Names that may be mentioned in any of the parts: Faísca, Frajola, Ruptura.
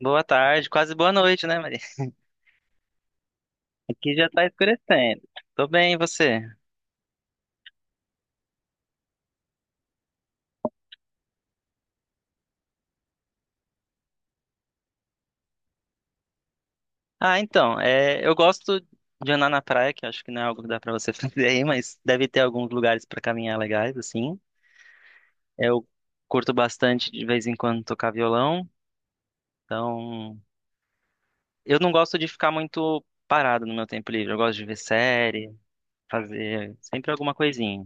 Boa tarde, quase boa noite, né, Maria? Aqui já tá escurecendo. Tô bem, e você? Eu gosto de andar na praia, que acho que não é algo que dá pra você fazer aí, mas deve ter alguns lugares pra caminhar legais, assim. Eu curto bastante de vez em quando tocar violão, então eu não gosto de ficar muito parado no meu tempo livre. Eu gosto de ver série, fazer sempre alguma coisinha.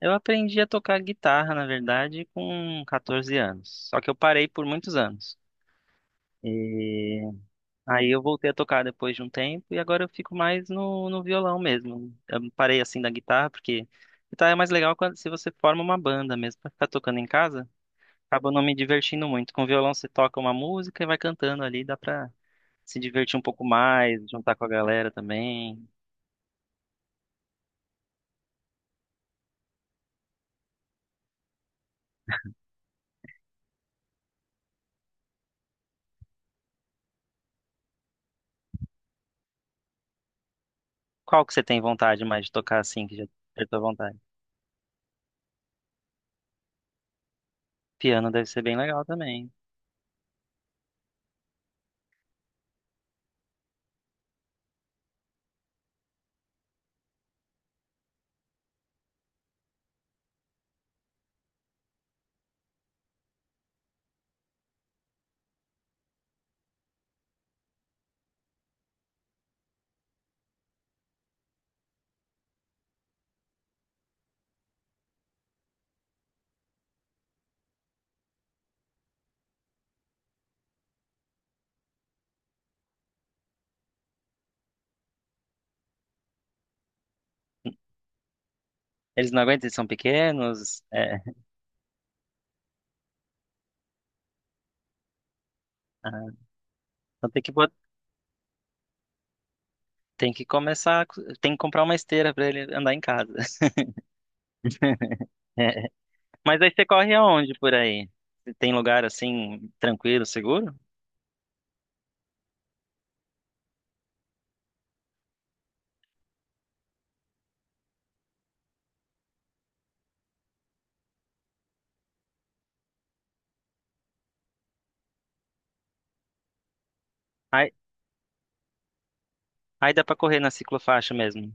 Eu aprendi a tocar guitarra, na verdade, com 14 anos, só que eu parei por muitos anos. E Aí eu voltei a tocar depois de um tempo e agora eu fico mais no violão mesmo. Eu parei assim da guitarra, porque guitarra é mais legal quando, se você forma uma banda mesmo. Pra ficar tocando em casa, acaba não me divertindo muito. Com violão você toca uma música e vai cantando ali, dá pra se divertir um pouco mais, juntar com a galera também. Qual que você tem vontade mais de tocar assim, que já é tua vontade? Piano deve ser bem legal também. Eles não aguentam, eles são pequenos. É. Ah, então tem que começar, tem que comprar uma esteira pra ele andar em casa. Mas aí você corre aonde por aí? Tem lugar assim, tranquilo, seguro? Aí, aí dá pra correr na ciclofaixa mesmo.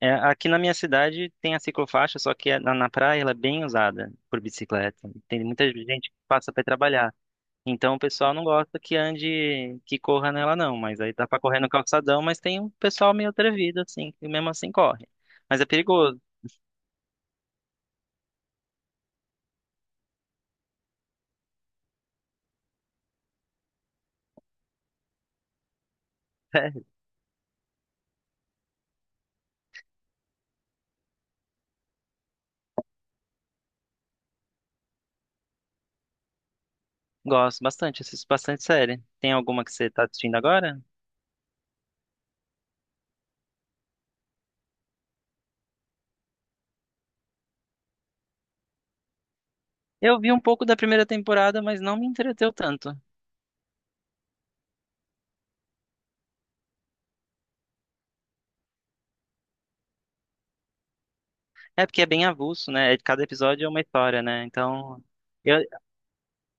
É, aqui na minha cidade tem a ciclofaixa, só que é na praia ela é bem usada por bicicleta. Tem muita gente que passa para trabalhar. Então o pessoal não gosta que ande, que corra nela não. Mas aí dá pra correr no calçadão, mas tem um pessoal meio atrevido assim, que mesmo assim corre. Mas é perigoso. É, gosto bastante, assisto bastante série. Tem alguma que você tá assistindo agora? Eu vi um pouco da primeira temporada, mas não me entreteu tanto. É porque é bem avulso, né? É, cada episódio é uma história, né? Então, eu-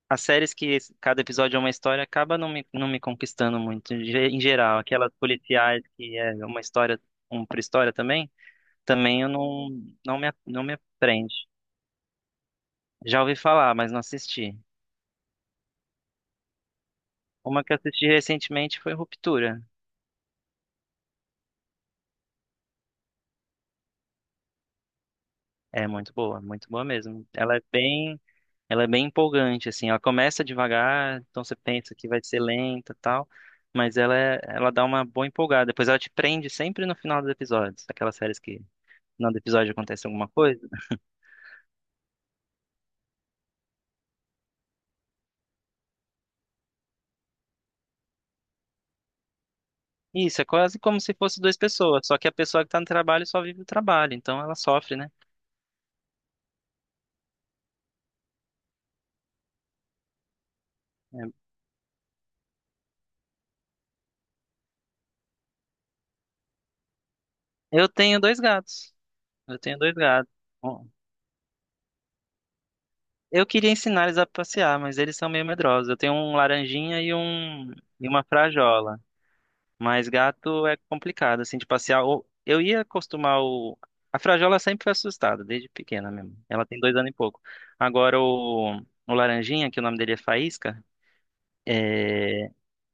as séries que cada episódio é uma história acaba não me conquistando muito. Em geral, aquelas policiais que é uma história, uma pré-história também, também eu não me, não me prende. Já ouvi falar, mas não assisti. Uma que eu assisti recentemente foi Ruptura. É muito boa mesmo. Ela é bem empolgante, assim. Ela começa devagar, então você pensa que vai ser lenta e tal, mas ela dá uma boa empolgada. Depois ela te prende sempre no final dos episódios, aquelas séries que no final do episódio acontece alguma coisa. Isso, é quase como se fosse duas pessoas, só que a pessoa que tá no trabalho só vive o trabalho, então ela sofre, né? É. Eu tenho dois gatos. Eu tenho dois gatos. Bom, eu queria ensinar eles a passear, mas eles são meio medrosos. Eu tenho um laranjinha e uma frajola. Mas gato é complicado, assim, de passear. Eu ia acostumar o. A Frajola sempre foi assustada, desde pequena mesmo. Ela tem dois anos e pouco. Agora o, o Laranjinha, que o nome dele é Faísca, é,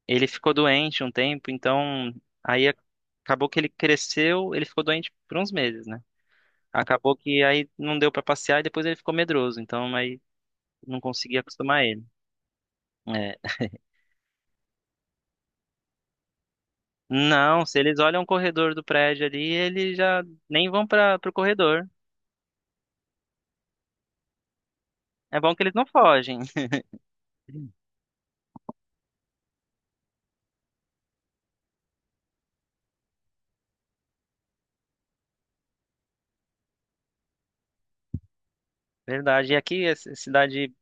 ele ficou doente um tempo, então aí a- acabou que ele cresceu, ele ficou doente por uns meses, né? Acabou que aí não deu pra passear e depois ele ficou medroso, então aí não consegui acostumar ele. É, não, se eles olham o corredor do prédio ali, eles já nem vão para o corredor. É bom que eles não fogem, verdade. E aqui a cidade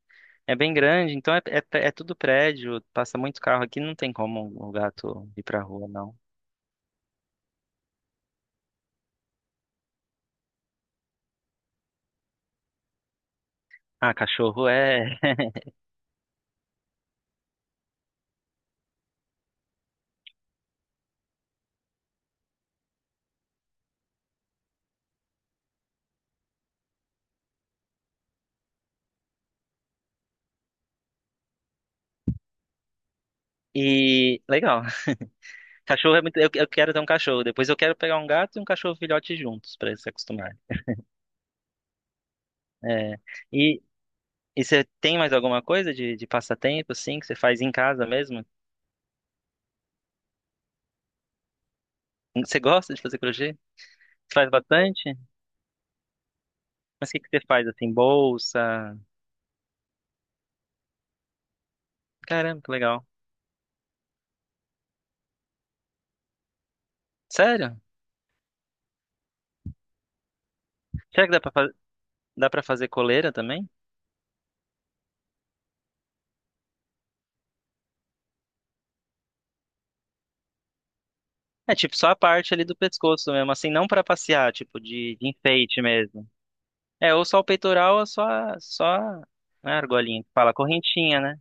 é bem grande, então é tudo prédio, passa muito carro aqui, não tem como o gato ir pra rua, não. Ah, cachorro é. E legal. Cachorro é muito. Eu quero ter um cachorro. Depois eu quero pegar um gato e um cachorro filhote juntos pra eles se acostumarem. É. E, e você tem mais alguma coisa de passatempo, assim, que você faz em casa mesmo? Você gosta de fazer crochê? Você faz bastante? Mas o que que você faz, assim? Bolsa? Caramba, que legal. Sério? Será que dá pra fazer? Dá pra fazer coleira também? É tipo só a parte ali do pescoço mesmo, assim, não pra passear, tipo de enfeite mesmo. É, ou só o peitoral, ou só, só a argolinha, que fala a correntinha, né?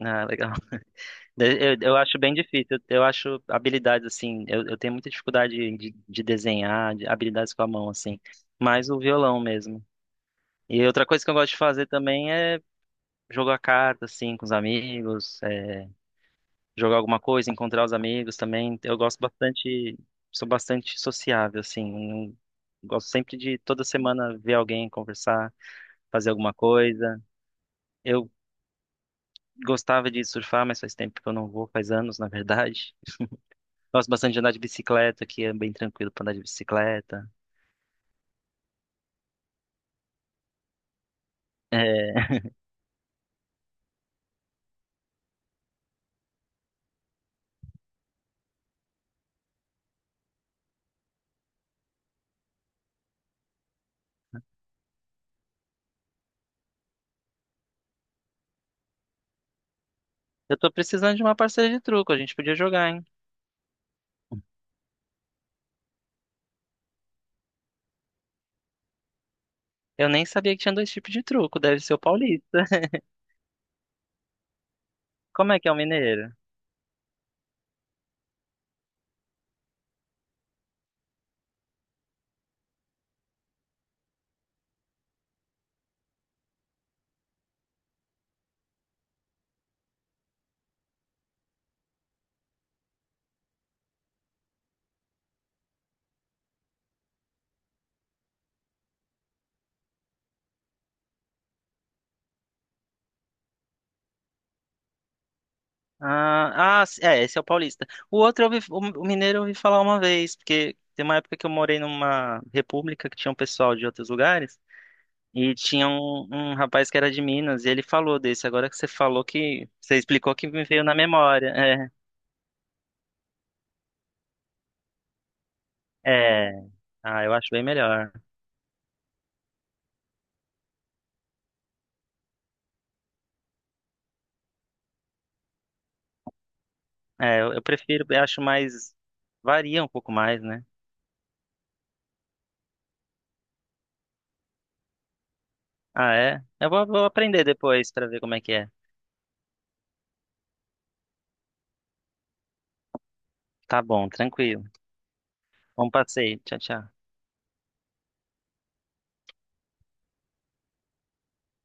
Ah, legal. Eu acho bem difícil, eu acho habilidades assim, eu tenho muita dificuldade de desenhar, de habilidades com a mão, assim, mais o violão mesmo. E outra coisa que eu gosto de fazer também é jogar carta, assim, com os amigos, é, jogar alguma coisa, encontrar os amigos também. Eu gosto bastante, sou bastante sociável, assim. Gosto sempre de toda semana ver alguém, conversar, fazer alguma coisa. Eu gostava de surfar, mas faz tempo que eu não vou, faz anos, na verdade. Gosto bastante de andar de bicicleta, que é bem tranquilo pra andar de bicicleta. É, eu tô precisando de uma parceira de truco, a gente podia jogar, hein? Eu nem sabia que tinha dois tipos de truco, deve ser o paulista. Como é que é o mineiro? É, esse é o paulista. O outro, eu ouvi, o mineiro eu ouvi falar uma vez, porque tem uma época que eu morei numa república que tinha um pessoal de outros lugares, e tinha um rapaz que era de Minas, e ele falou desse. Agora que você falou que, você explicou que me veio na memória. É, é, ah, eu acho bem melhor. É, eu prefiro, eu acho mais, varia um pouco mais, né? Ah, é? Vou aprender depois pra ver como é que é. Tá bom, tranquilo. Bom passeio. Tchau, tchau.